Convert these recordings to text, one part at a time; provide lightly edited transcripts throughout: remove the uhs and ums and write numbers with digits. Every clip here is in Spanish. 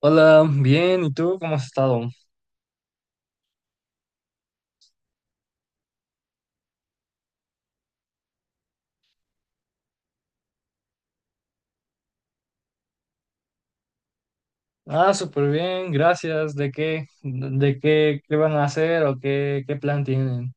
Hola, bien, ¿y tú cómo has estado? Ah, súper bien, gracias. ¿De qué, qué van a hacer o qué plan tienen?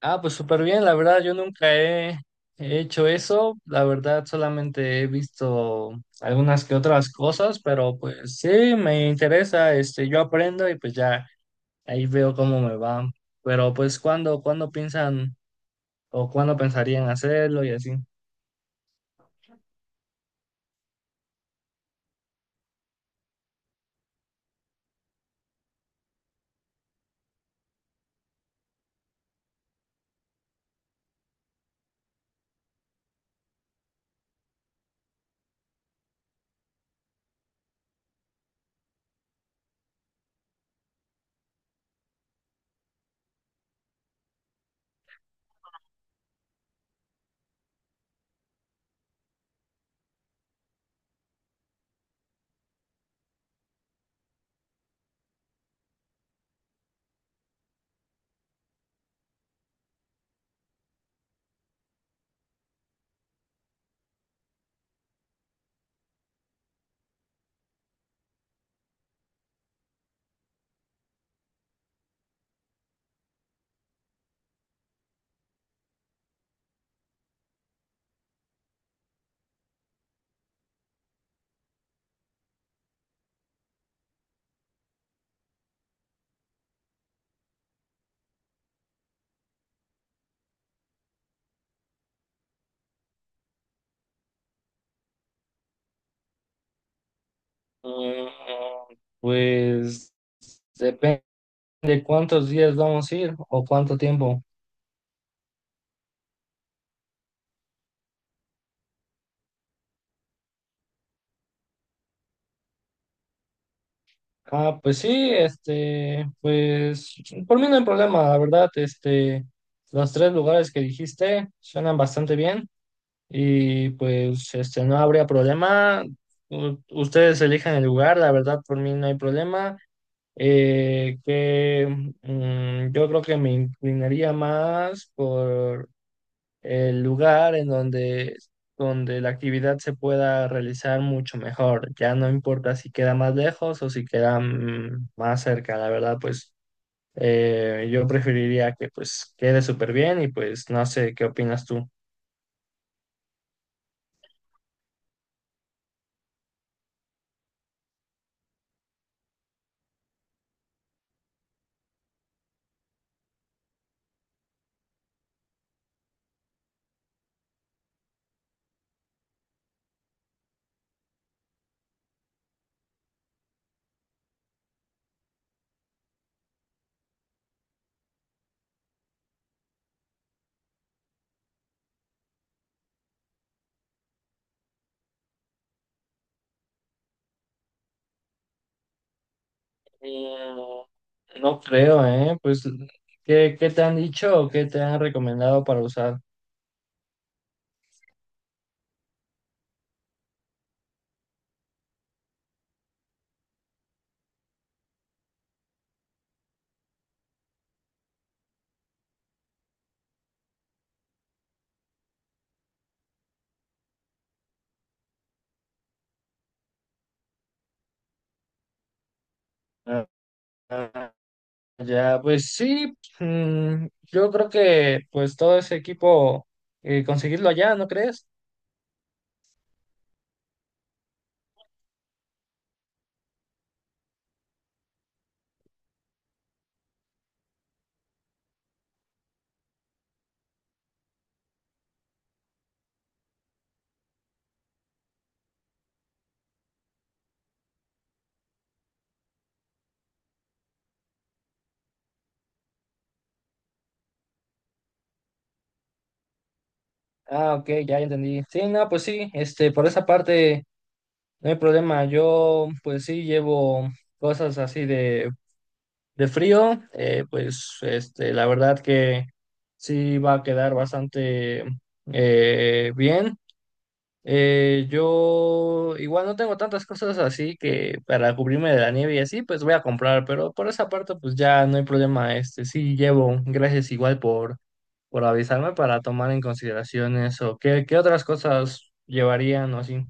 Ah, pues súper bien, la verdad, yo nunca he hecho eso, la verdad, solamente he visto algunas que otras cosas, pero pues sí, me interesa, yo aprendo y pues ya ahí veo cómo me va. Pero pues, ¿cuándo, cuándo piensan o cuándo pensarían hacerlo y así? Mm, Pues... depende. ¿De cuántos días vamos a ir o cuánto tiempo? Ah, pues sí, pues por mí no hay problema, la verdad, los tres lugares que dijiste suenan bastante bien y pues no habría problema. Ustedes elijan el lugar, la verdad, por mí no hay problema. Que yo creo que me inclinaría más el lugar en donde la actividad se pueda realizar mucho mejor. Ya no importa si queda más lejos o si queda más cerca, la verdad, pues yo preferiría que pues quede súper bien y pues no sé, ¿qué opinas tú? Mm. No creo, ¿eh? Pues, ¿qué, qué te han dicho o qué te han recomendado para usar? Ah, ah, ya, pues sí, mm, yo creo que pues todo ese equipo, conseguirlo allá, ¿no crees? Ah, ok, ya entendí. Sí, no, pues sí, por esa parte no hay problema. Yo, pues sí, llevo cosas así de frío. Pues, la verdad que sí va a quedar bastante bien. Yo igual no tengo tantas cosas así que para cubrirme de la nieve y así, pues voy a comprar, pero por esa parte pues ya no hay problema, sí llevo, gracias igual por avisarme para tomar en consideración eso. ¿Qué, qué otras cosas llevarían o así?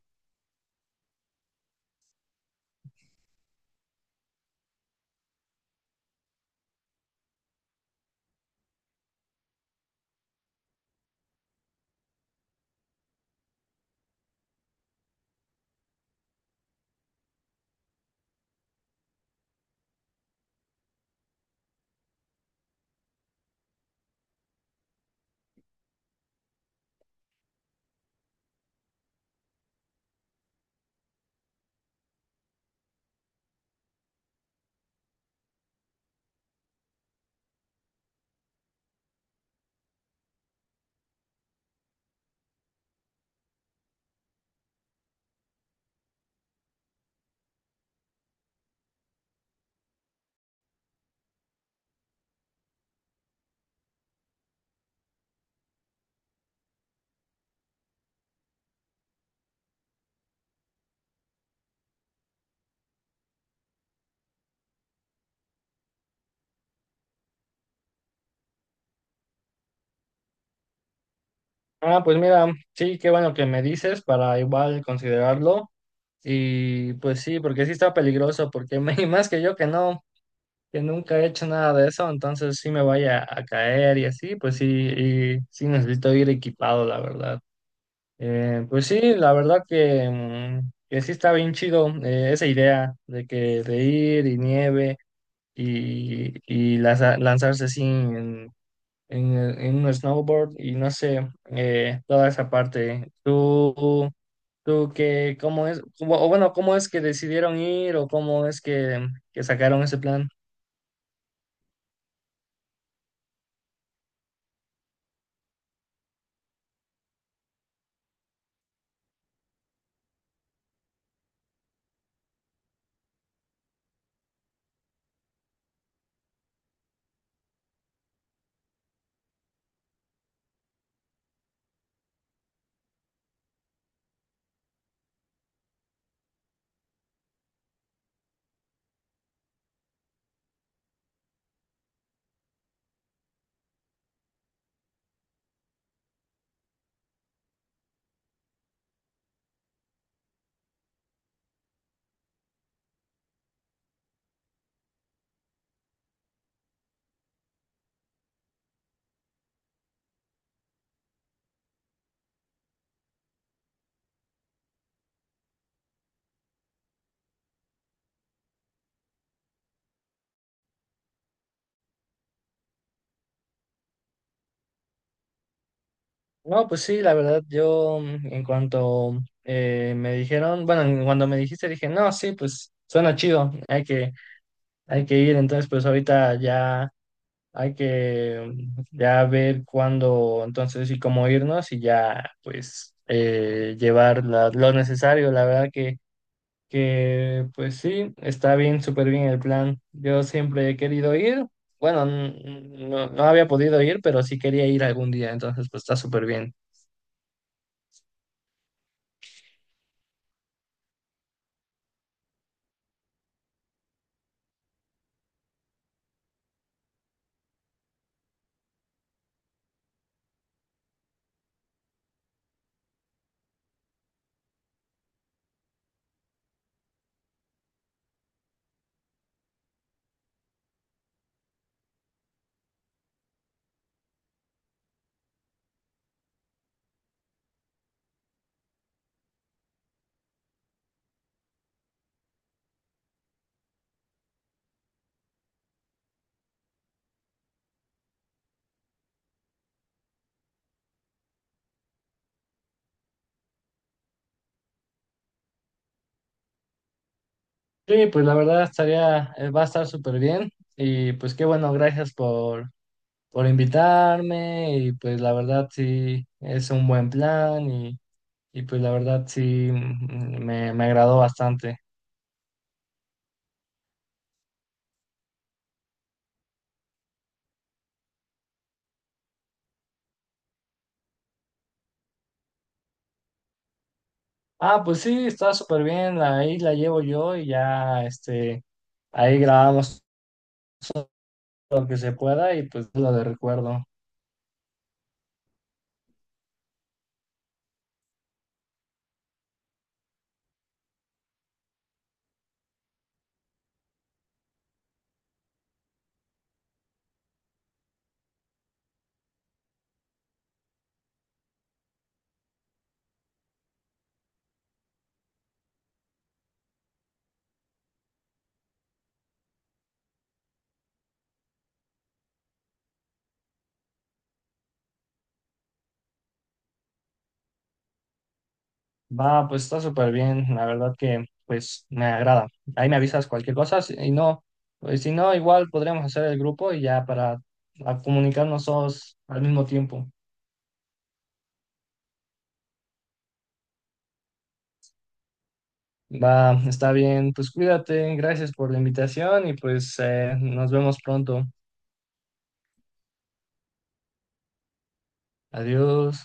Ah, pues mira, sí, qué bueno que me dices para igual considerarlo y pues sí, porque sí está peligroso, porque más que yo que no, que nunca he hecho nada de eso, entonces sí me vaya a caer y así, pues sí, y sí necesito ir equipado, la verdad. Pues sí, la verdad que, que sí está bien chido, esa idea de que de ir y nieve y lanzarse así en un snowboard y no sé, toda esa parte. ¿Tú, tú qué, cómo es, o bueno, cómo es que decidieron ir o cómo es que sacaron ese plan? No, pues sí, la verdad, yo en cuanto me dijeron, bueno, en cuando me dijiste dije, no, sí, pues suena chido, hay que ir, entonces pues ahorita ya hay que ya ver cuándo, entonces y cómo irnos y ya pues llevar lo necesario, la verdad que pues sí, está bien, súper bien el plan, yo siempre he querido ir, bueno, no había podido ir, pero sí quería ir algún día, entonces pues está súper bien. Sí, pues la verdad estaría, va a estar súper bien y pues qué bueno, gracias por invitarme y pues la verdad sí es un buen plan y pues la verdad sí, me agradó bastante. Ah, pues sí, está súper bien, ahí la llevo yo y ya ahí grabamos lo que se pueda y pues lo de recuerdo. Va, pues está súper bien, la verdad que pues me agrada. Ahí me avisas cualquier cosa, y no, pues, si no, igual podríamos hacer el grupo y ya para a comunicarnos todos al mismo tiempo. Va, está bien, pues cuídate, gracias por la invitación y pues nos vemos pronto. Adiós.